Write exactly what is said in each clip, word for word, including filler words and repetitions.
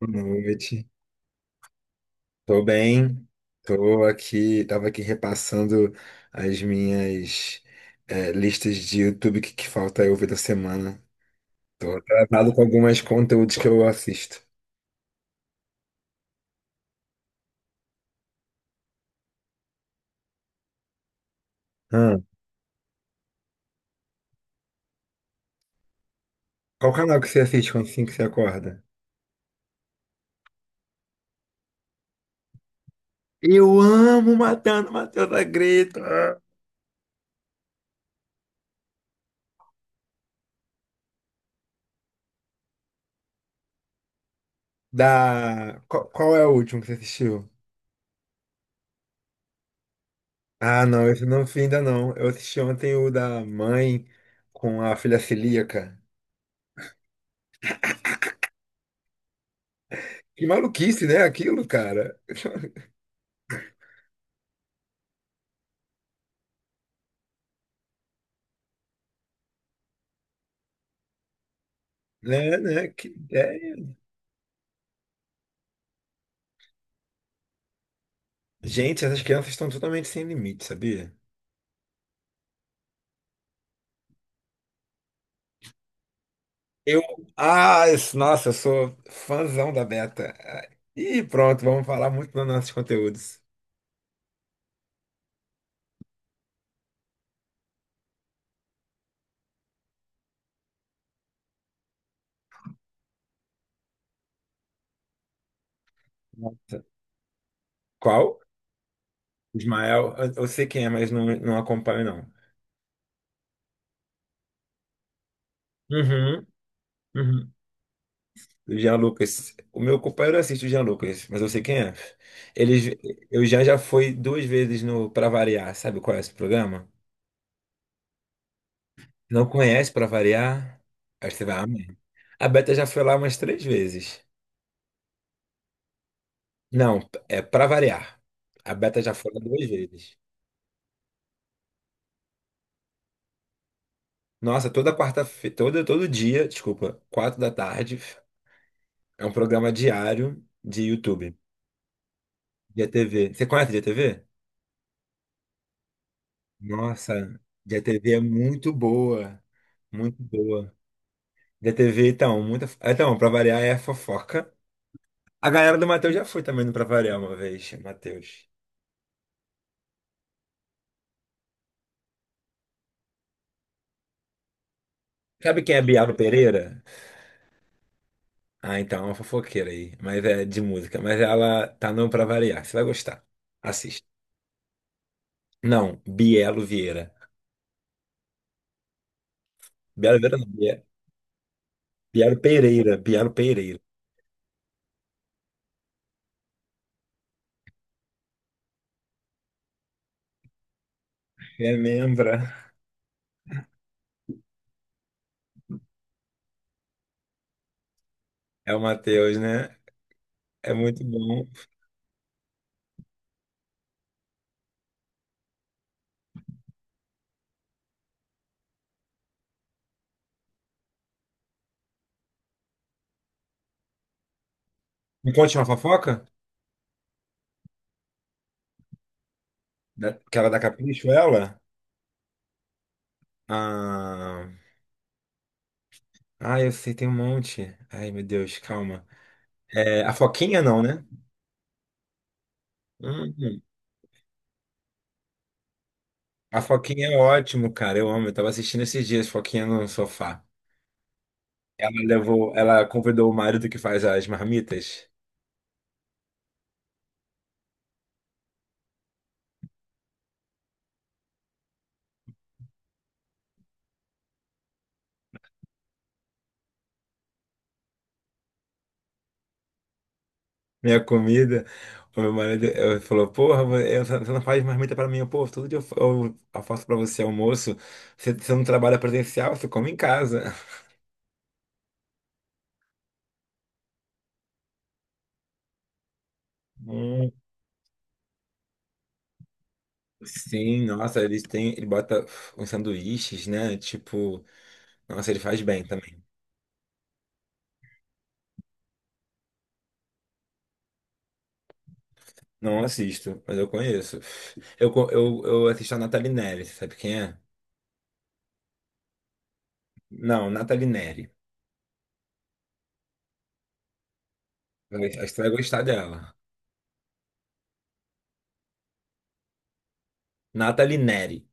Boa noite. Tô bem. Tô aqui, tava aqui repassando as minhas eh, listas de YouTube que, que falta eu ver da semana. Tô atrasado com alguns conteúdos que eu assisto. Ah, qual canal que você assiste quando assim que você acorda? Eu amo Matando Matheus da Greta. Da... Qual, qual é o último que você assistiu? Ah, não, esse não vi ainda não. Eu assisti ontem o da mãe com a filha celíaca. Que maluquice, né? Aquilo, cara. Né, né? Que ideia. Gente, essas crianças estão totalmente sem limite, sabia? Eu, ah, isso- Nossa, eu sou fãzão da Beta. E pronto, vamos falar muito dos nossos conteúdos. Nossa. Qual? Ismael, eu eu sei quem é, mas não, não acompanho, não. Uhum, uhum. O Jean Lucas. O meu companheiro assiste o Jean Lucas, mas eu sei quem é. Ele, eu já já foi duas vezes no Pra Variar, sabe qual é esse programa? Não conhece para variar? Acho que você vai amar. A Beta já foi lá umas três vezes. Não, é para variar. A Beta já foi lá duas vezes. Nossa, toda quarta-feira, todo, todo dia, desculpa, quatro da tarde, é um programa diário de YouTube, de A T V. Você conhece de A T V? Nossa, de A T V é muito boa, muito boa. De A T V, então, muita. Então, para variar é fofoca. A galera do Matheus já foi também no Pra Variar uma vez, Matheus. Sabe quem é Bialo Pereira? Ah, então, é uma fofoqueira aí, mas é de música. Mas ela tá não pra variar. Você vai gostar. Assista. Não, Bielo Vieira. Bielo Vieira não, Bie- Bielo Pereira. Bielo Pereira. Remembra? É o Matheus, né? É muito bom. Me conte uma fofoca? Da- Que ela dá capricho, ela? Ah, ah, eu sei, tem um monte. Ai, meu Deus, calma. É, a Foquinha não, né? Hum, hum. A Foquinha é ótimo, cara. Eu amo. Eu tava assistindo esses dias, Foquinha no sofá. Ela levou, ela convidou o marido que faz as marmitas, minha comida. O meu marido eh, falou: Porra, eu- você não faz marmita pra mim, eu, pô, todo dia eu, fa- eu- eu faço pra você almoço. Você, você não trabalha presencial, você come em casa. Hum, sim, nossa, eles têm, ele bota uns sanduíches, né? Tipo, nossa, ele faz bem também. Não assisto, mas eu conheço. Eu, co- eu, eu assisto a Nathalie Neri, você sabe quem é? Não, Nathalie Neri. Acho que você vai gostar dela. Nathalie Neri.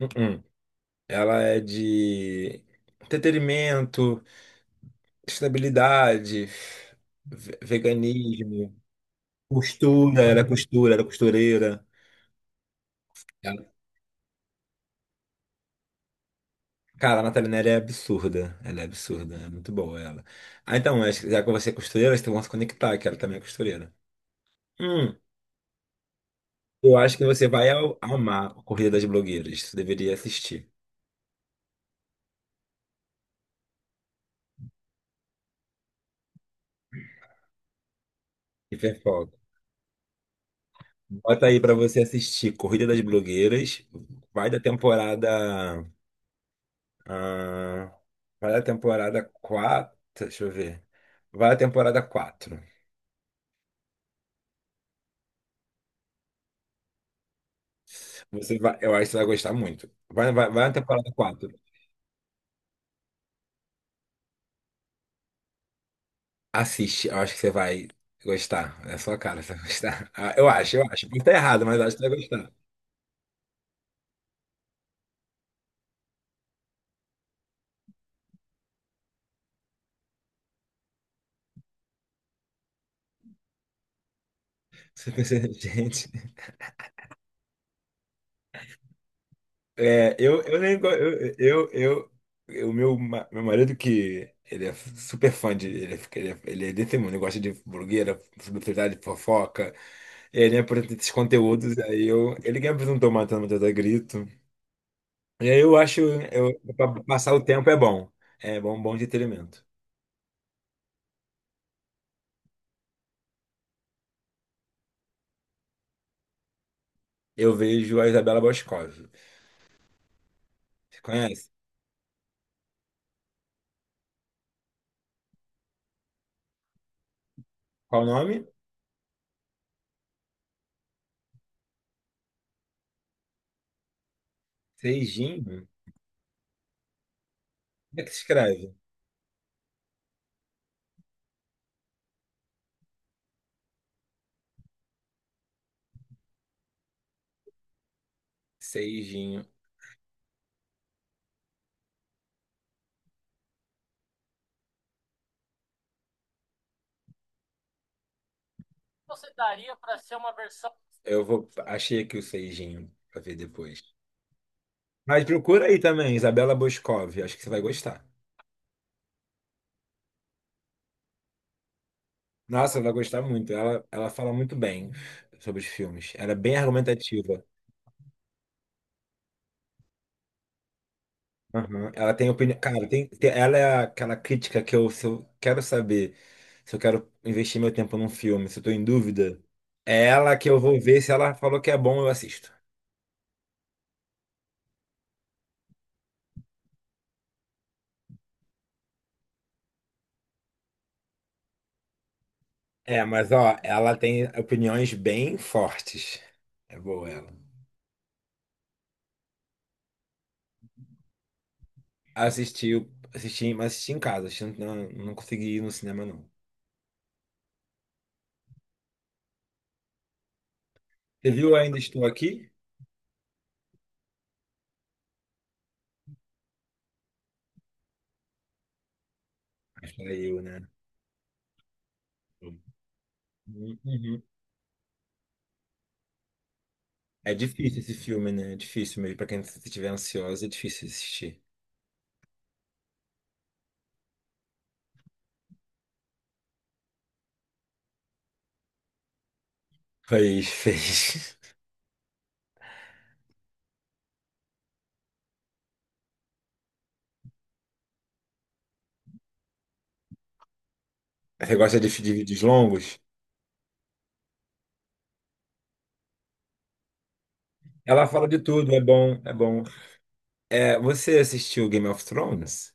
Uh-uh. Ela é de entretenimento, estabilidade, ve- veganismo, costura. Ela é costura, ela é costureira. Ela- Cara, a Natalina é absurda. Ela é absurda, é muito boa ela. Ah, então, acho que já que você é costureira, vocês vão se conectar, que ela também é costureira. Hum, eu acho que você vai ao- amar a Corrida das Blogueiras. Você deveria assistir. E fofoca. Bota aí pra você assistir Corrida das Blogueiras. Vai da temporada. Ah, vai da temporada quatro. Deixa eu ver. Vai da temporada quatro. Você vai, eu acho que você vai gostar muito. Vai, vai, vai na temporada quatro. Assiste, eu acho que você vai gostar. É a sua cara, você vai gostar. Ah, eu acho, eu acho. Pode estar errado, mas eu acho que você vai gostar. Você pensa, gente. É, eu, eu nem go- eu, eu, eu, eu- O meu, ma- meu marido que ele é super fã de, ele é, ele é, ele é desse mundo, ele gosta de blogueira, celebridade, fofoca, e ele me apresenta esses conteúdos, aí eu, ele que me apresentou Matando Matheus a Grito, e aí eu acho, eu, pra passar o tempo é bom, é bom, bom entretenimento. Eu vejo a Isabela Boscov, você conhece? Qual o nome? Seijinho? Como é que se escreve? Seijinho, eu vou, achei aqui o Seijinho, pra ver depois. Mas procura aí também, Isabela Boscov, acho que você vai gostar. Nossa, vai gostar muito. Ela, ela fala muito bem sobre os filmes. Ela é bem argumentativa. Aham. Ela tem opinião. Cara, tem, tem- ela é aquela crítica que eu, se eu quero saber se eu quero investir meu tempo num filme, se eu tô em dúvida, é ela que eu vou ver. Se ela falou que é bom, eu assisto. É, mas ó, ela tem opiniões bem fortes. É boa ela. Assisti, assisti, mas assisti em casa, assisti- não, não consegui ir no cinema, não. Você viu Ainda Estou Aqui? Acho que era eu, né? Uhum. É difícil esse filme, né? É difícil mesmo. Pra quem estiver ansiosa, é difícil assistir. Fez, fez. Você gosta de, de vídeos longos? Ela fala de tudo, é bom, é bom. É, você assistiu Game of Thrones?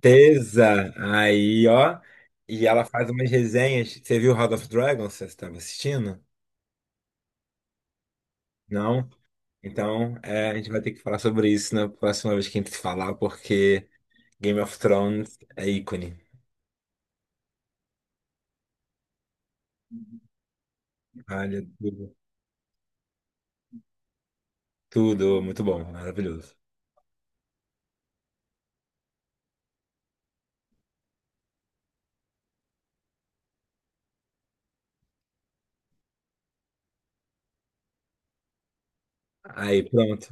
Tesa! Aí, ó. E ela faz umas resenhas. Você viu House of Dragons? Você estava assistindo? Não? Então, é, a gente vai ter que falar sobre isso na próxima vez que a gente se falar, porque Game of Thrones é ícone. Olha, tudo, tudo, muito bom, maravilhoso. Aí, pronto.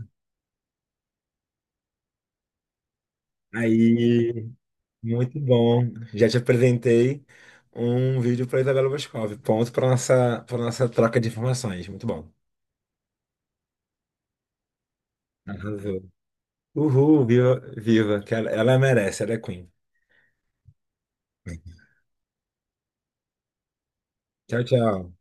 Aí, muito bom. Já te apresentei um vídeo para Isabela Boscov. Ponto para nossa, para nossa troca de informações. Muito bom. Arrasou. Uhul, viva, viva, que ela, ela merece, ela é queen. Tchau, tchau.